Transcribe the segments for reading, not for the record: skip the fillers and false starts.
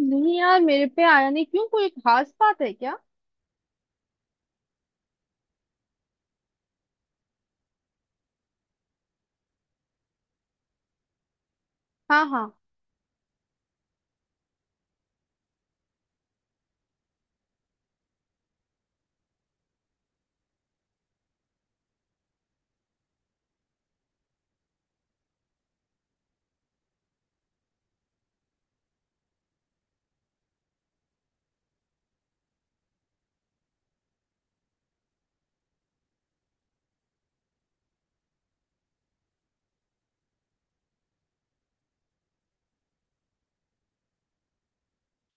नहीं यार, मेरे पे आया नहीं। क्यों, कोई खास बात है क्या? हाँ हाँ।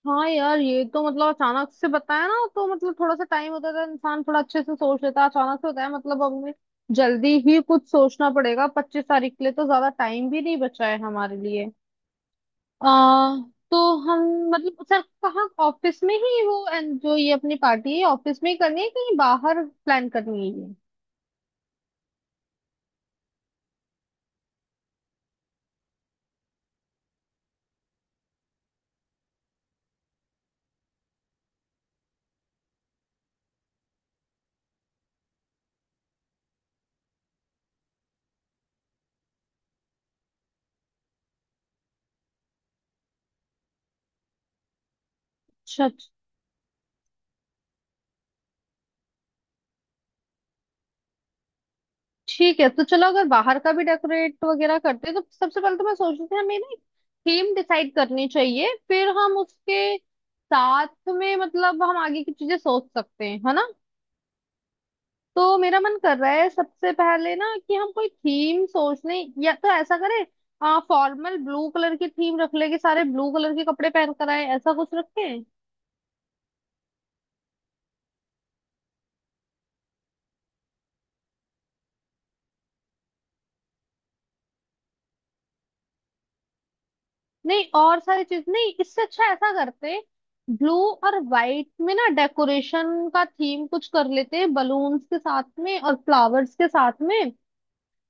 हाँ यार, ये तो मतलब अचानक से बताया ना, तो मतलब थोड़ा सा टाइम होता था, इंसान थोड़ा अच्छे से सोच लेता। अचानक से होता है, मतलब अब हमें जल्दी ही कुछ सोचना पड़ेगा। 25 तारीख के लिए तो ज्यादा टाइम भी नहीं बचा है हमारे लिए। आ, तो हम मतलब सर कहाँ, ऑफिस में ही वो and जो ये अपनी पार्टी है, ऑफिस में ही करनी है, कहीं बाहर प्लान करनी है ये? अच्छा, ठीक है। तो चलो, अगर बाहर का भी डेकोरेट वगैरह करते हैं तो सबसे पहले तो मैं सोच रही थी, हमें ना थीम डिसाइड करनी चाहिए, फिर हम उसके साथ में मतलब हम आगे की चीजें सोच सकते हैं, है ना। तो मेरा मन कर रहा है सबसे पहले ना, कि हम कोई थीम सोच लें। या तो ऐसा करें, आ फॉर्मल ब्लू कलर की थीम रख ले कि सारे ब्लू कलर के कपड़े पहन कर आए, ऐसा कुछ रखें। नहीं, और सारी चीज नहीं, इससे अच्छा ऐसा करते, ब्लू और व्हाइट में ना डेकोरेशन का थीम कुछ कर लेते बलून्स के साथ में और फ्लावर्स के साथ में,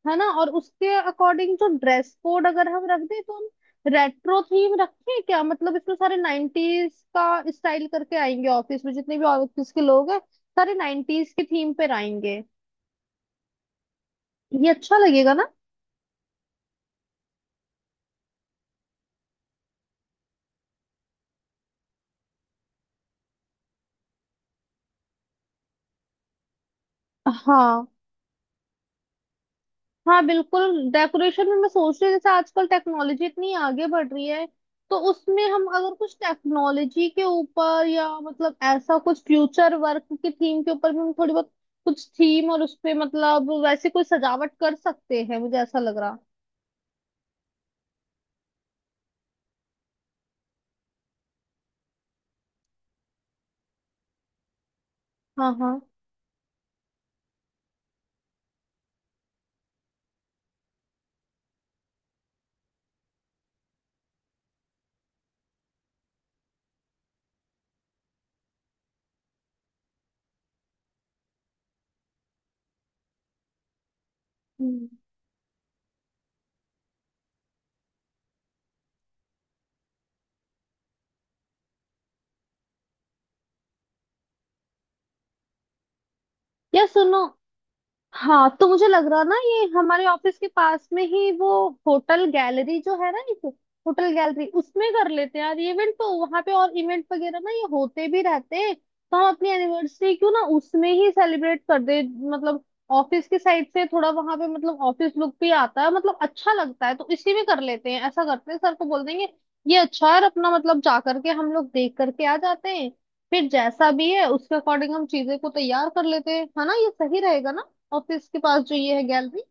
है ना। और उसके अकॉर्डिंग जो ड्रेस कोड अगर हम रख दें, तो हम रेट्रो थीम रखें क्या? मतलब इसमें सारे नाइनटीज का स्टाइल करके आएंगे ऑफिस में, जितने भी ऑफिस के लोग हैं सारे नाइनटीज की थीम पर आएंगे। ये अच्छा लगेगा ना? हाँ हाँ बिल्कुल। डेकोरेशन में मैं सोच रही हूँ, जैसे आजकल टेक्नोलॉजी इतनी आगे बढ़ रही है तो उसमें हम अगर कुछ टेक्नोलॉजी के ऊपर, या मतलब ऐसा कुछ फ्यूचर वर्क की थीम के ऊपर भी, हम थोड़ी बहुत कुछ थीम और उस पे मतलब वैसे कोई सजावट कर सकते हैं, मुझे ऐसा लग रहा। हाँ हाँ। हम्म। या सुनो, हाँ तो मुझे लग रहा ना, ये हमारे ऑफिस के पास में ही वो होटल गैलरी जो है ना, एक होटल गैलरी, उसमें कर लेते हैं यार इवेंट, तो वहां पे और इवेंट वगैरह ना ये होते भी रहते हैं, तो हम अपनी एनिवर्सरी क्यों ना उसमें ही सेलिब्रेट कर दे। मतलब ऑफिस की साइड से थोड़ा वहां पे मतलब ऑफिस लुक भी आता है, मतलब अच्छा लगता है, तो इसी में कर लेते हैं। ऐसा करते हैं, सर को बोल देंगे। ये अच्छा है। और अपना मतलब जा करके हम लोग देख करके आ जाते हैं, फिर जैसा भी है उसके अकॉर्डिंग हम चीजें को तैयार कर लेते हैं, है ना। ये सही रहेगा ना, ऑफिस के पास जो ये है गैलरी?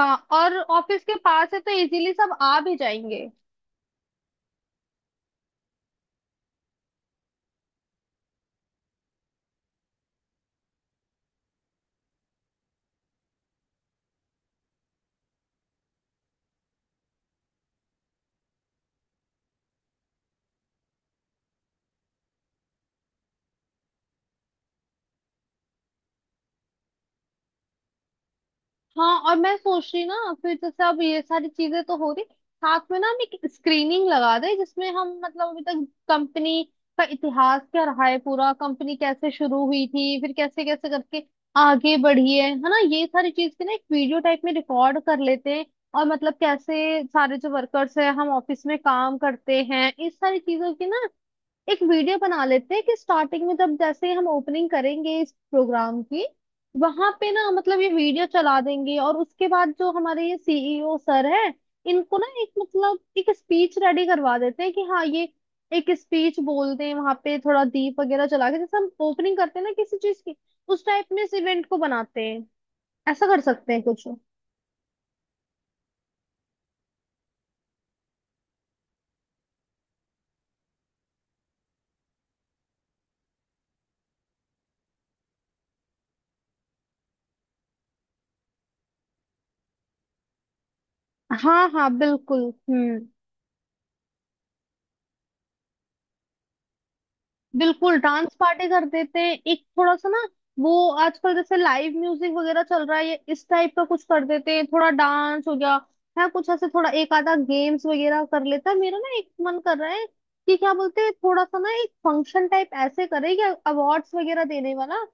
हाँ, और ऑफिस के पास है तो इजीली सब आ भी जाएंगे। हाँ, और मैं सोच रही ना, फिर जैसे अब ये सारी चीजें तो हो रही साथ में ना, हम एक स्क्रीनिंग लगा दें जिसमें हम मतलब अभी तक कंपनी का इतिहास क्या रहा है पूरा, कंपनी कैसे शुरू हुई थी, फिर कैसे कैसे करके आगे बढ़ी है ना, ये सारी चीज की ना एक वीडियो टाइप में रिकॉर्ड कर लेते हैं। और मतलब कैसे सारे जो वर्कर्स हैं हम ऑफिस में काम करते हैं, इस सारी चीजों की ना एक वीडियो बना लेते हैं, कि स्टार्टिंग में जब जैसे हम ओपनिंग करेंगे इस प्रोग्राम की, वहां पे ना मतलब ये वीडियो चला देंगे। और उसके बाद जो हमारे ये सीईओ सर है, इनको ना एक मतलब एक स्पीच रेडी करवा देते हैं, कि हाँ ये एक स्पीच बोल दें वहां पे, थोड़ा दीप वगैरह जला के जैसे हम ओपनिंग करते हैं ना किसी चीज की, उस टाइप में इस इवेंट को बनाते हैं। ऐसा कर सकते हैं कुछ। हाँ हाँ बिल्कुल। हम्म। बिल्कुल डांस पार्टी कर देते हैं, एक थोड़ा सा ना वो आजकल जैसे लाइव म्यूजिक वगैरह चल रहा है, ये इस टाइप का कुछ कर देते हैं, थोड़ा डांस हो गया है, कुछ ऐसे थोड़ा एक आधा गेम्स वगैरह कर लेता है। मेरा ना एक मन कर रहा है कि क्या बोलते हैं, थोड़ा सा ना एक फंक्शन टाइप ऐसे करें कि अवार्ड्स वगैरह देने वाला,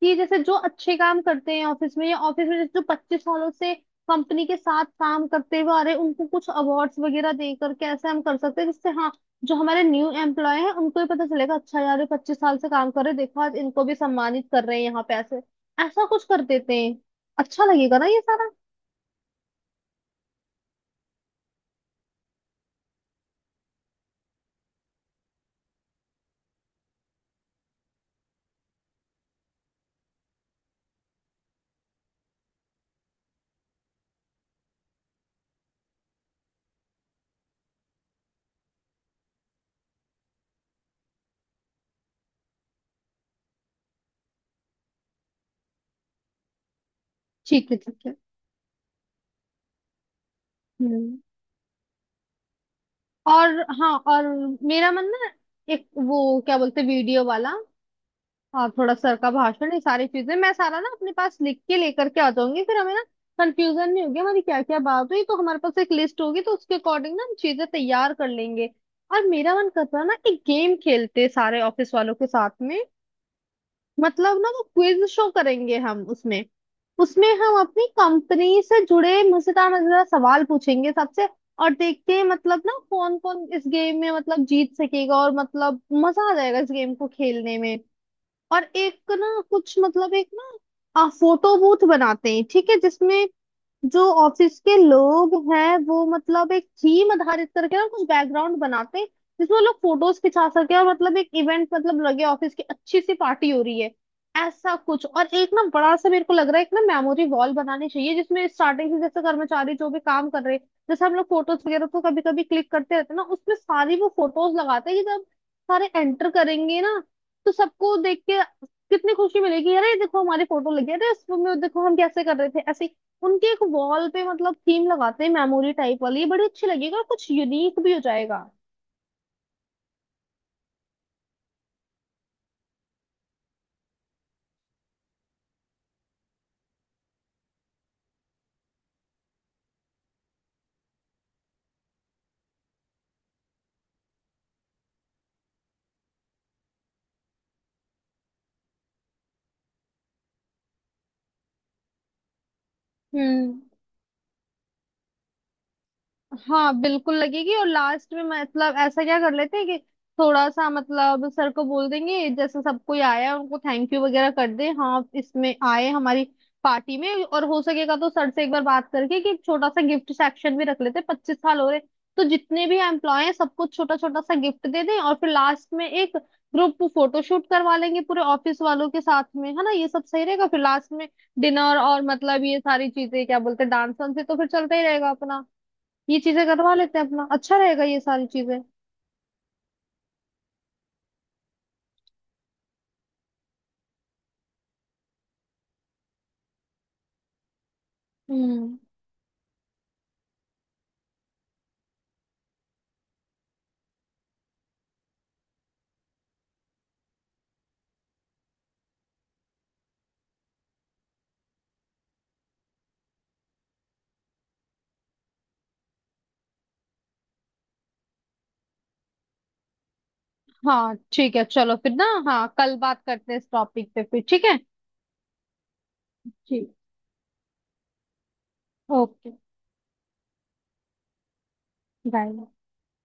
कि जैसे जो अच्छे काम करते हैं ऑफिस में, या ऑफिस में जैसे जो 25 सालों से कंपनी के साथ काम करते हुए आ रहे हैं, उनको कुछ अवार्ड्स वगैरह देकर कैसे हम कर सकते हैं, जिससे हाँ जो हमारे न्यू एम्प्लॉय हैं उनको ही पता चलेगा, अच्छा यार ये 25 साल से काम कर रहे, देखो आज इनको भी सम्मानित कर रहे हैं यहाँ पे, ऐसे ऐसा कुछ कर देते हैं। अच्छा लगेगा ना ये सारा? ठीक है ठीक है। हम्म। और हाँ, और मेरा मन ना, एक वो क्या बोलते, वीडियो वाला, और थोड़ा सर का भाषण, ये सारी चीजें मैं सारा ना अपने पास लिख के लेकर के आ जाऊंगी, फिर हमें ना कंफ्यूजन नहीं होगी हमारी क्या क्या बात हुई। तो हमारे पास एक लिस्ट होगी, तो उसके अकॉर्डिंग ना हम चीजें तैयार कर लेंगे। और मेरा मन कर रहा है ना, एक गेम खेलते सारे ऑफिस वालों के साथ में। मतलब ना वो क्विज शो करेंगे हम उसमें। उसमें हम अपनी कंपनी से जुड़े मजेदार मजेदार सवाल पूछेंगे सबसे। और देखते हैं मतलब ना कौन कौन इस गेम में मतलब जीत सकेगा, और मतलब मजा आ जाएगा इस गेम को खेलने में। और एक ना कुछ मतलब, एक ना फोटो बूथ बनाते हैं, ठीक है, जिसमें जो ऑफिस के लोग हैं वो मतलब एक थीम आधारित करके ना कुछ बैकग्राउंड बनाते हैं, जिसमें वो लोग फोटोज खिंचा सके, और मतलब एक इवेंट मतलब लगे ऑफिस की अच्छी सी पार्टी हो रही है, ऐसा कुछ। और एक ना, बड़ा सा मेरे को लग रहा है एक ना मेमोरी वॉल बनानी चाहिए, जिसमें स्टार्टिंग से जैसे कर्मचारी जो भी काम कर रहे हैं, जैसे हम लोग फोटोज वगैरह तो कभी कभी क्लिक करते रहते हैं ना, उसमें सारी वो फोटोज लगाते हैं, कि जब सारे एंटर करेंगे ना तो सबको देख के कितनी खुशी मिलेगी, अरे देखो हमारी फोटो लगी है, अरे इस में देखो हम कैसे कर रहे थे ऐसे ही। उनके एक वॉल पे मतलब थीम लगाते हैं मेमोरी टाइप वाली, ये बड़ी अच्छी लगेगी और कुछ यूनिक भी हो जाएगा। हम्म, हाँ बिल्कुल लगेगी। और लास्ट में मतलब ऐसा क्या कर लेते हैं, कि थोड़ा सा मतलब सर को बोल देंगे जैसे सब कोई आया है, उनको थैंक यू वगैरह कर दे, हाँ इसमें आए हमारी पार्टी में, और हो सकेगा तो सर से एक बार बात करके कि एक छोटा सा गिफ्ट सेक्शन भी रख लेते हैं, 25 साल हो रहे तो जितने भी एम्प्लॉय हैं सबको छोटा छोटा सा गिफ्ट दे दें। और फिर लास्ट में एक ग्रुप फोटोशूट करवा लेंगे पूरे ऑफिस वालों के साथ में, है ना। ये सब सही रहेगा। फिर लास्ट में डिनर और मतलब ये सारी चीजें क्या बोलते हैं, डांस वांस से तो फिर चलता ही रहेगा अपना। ये चीजें करवा लेते हैं अपना, अच्छा रहेगा ये सारी चीजें। हम्म। हाँ ठीक है। चलो फिर ना, हाँ कल बात करते हैं इस टॉपिक पे फिर, ठीक है। ठीक। Okay, bye.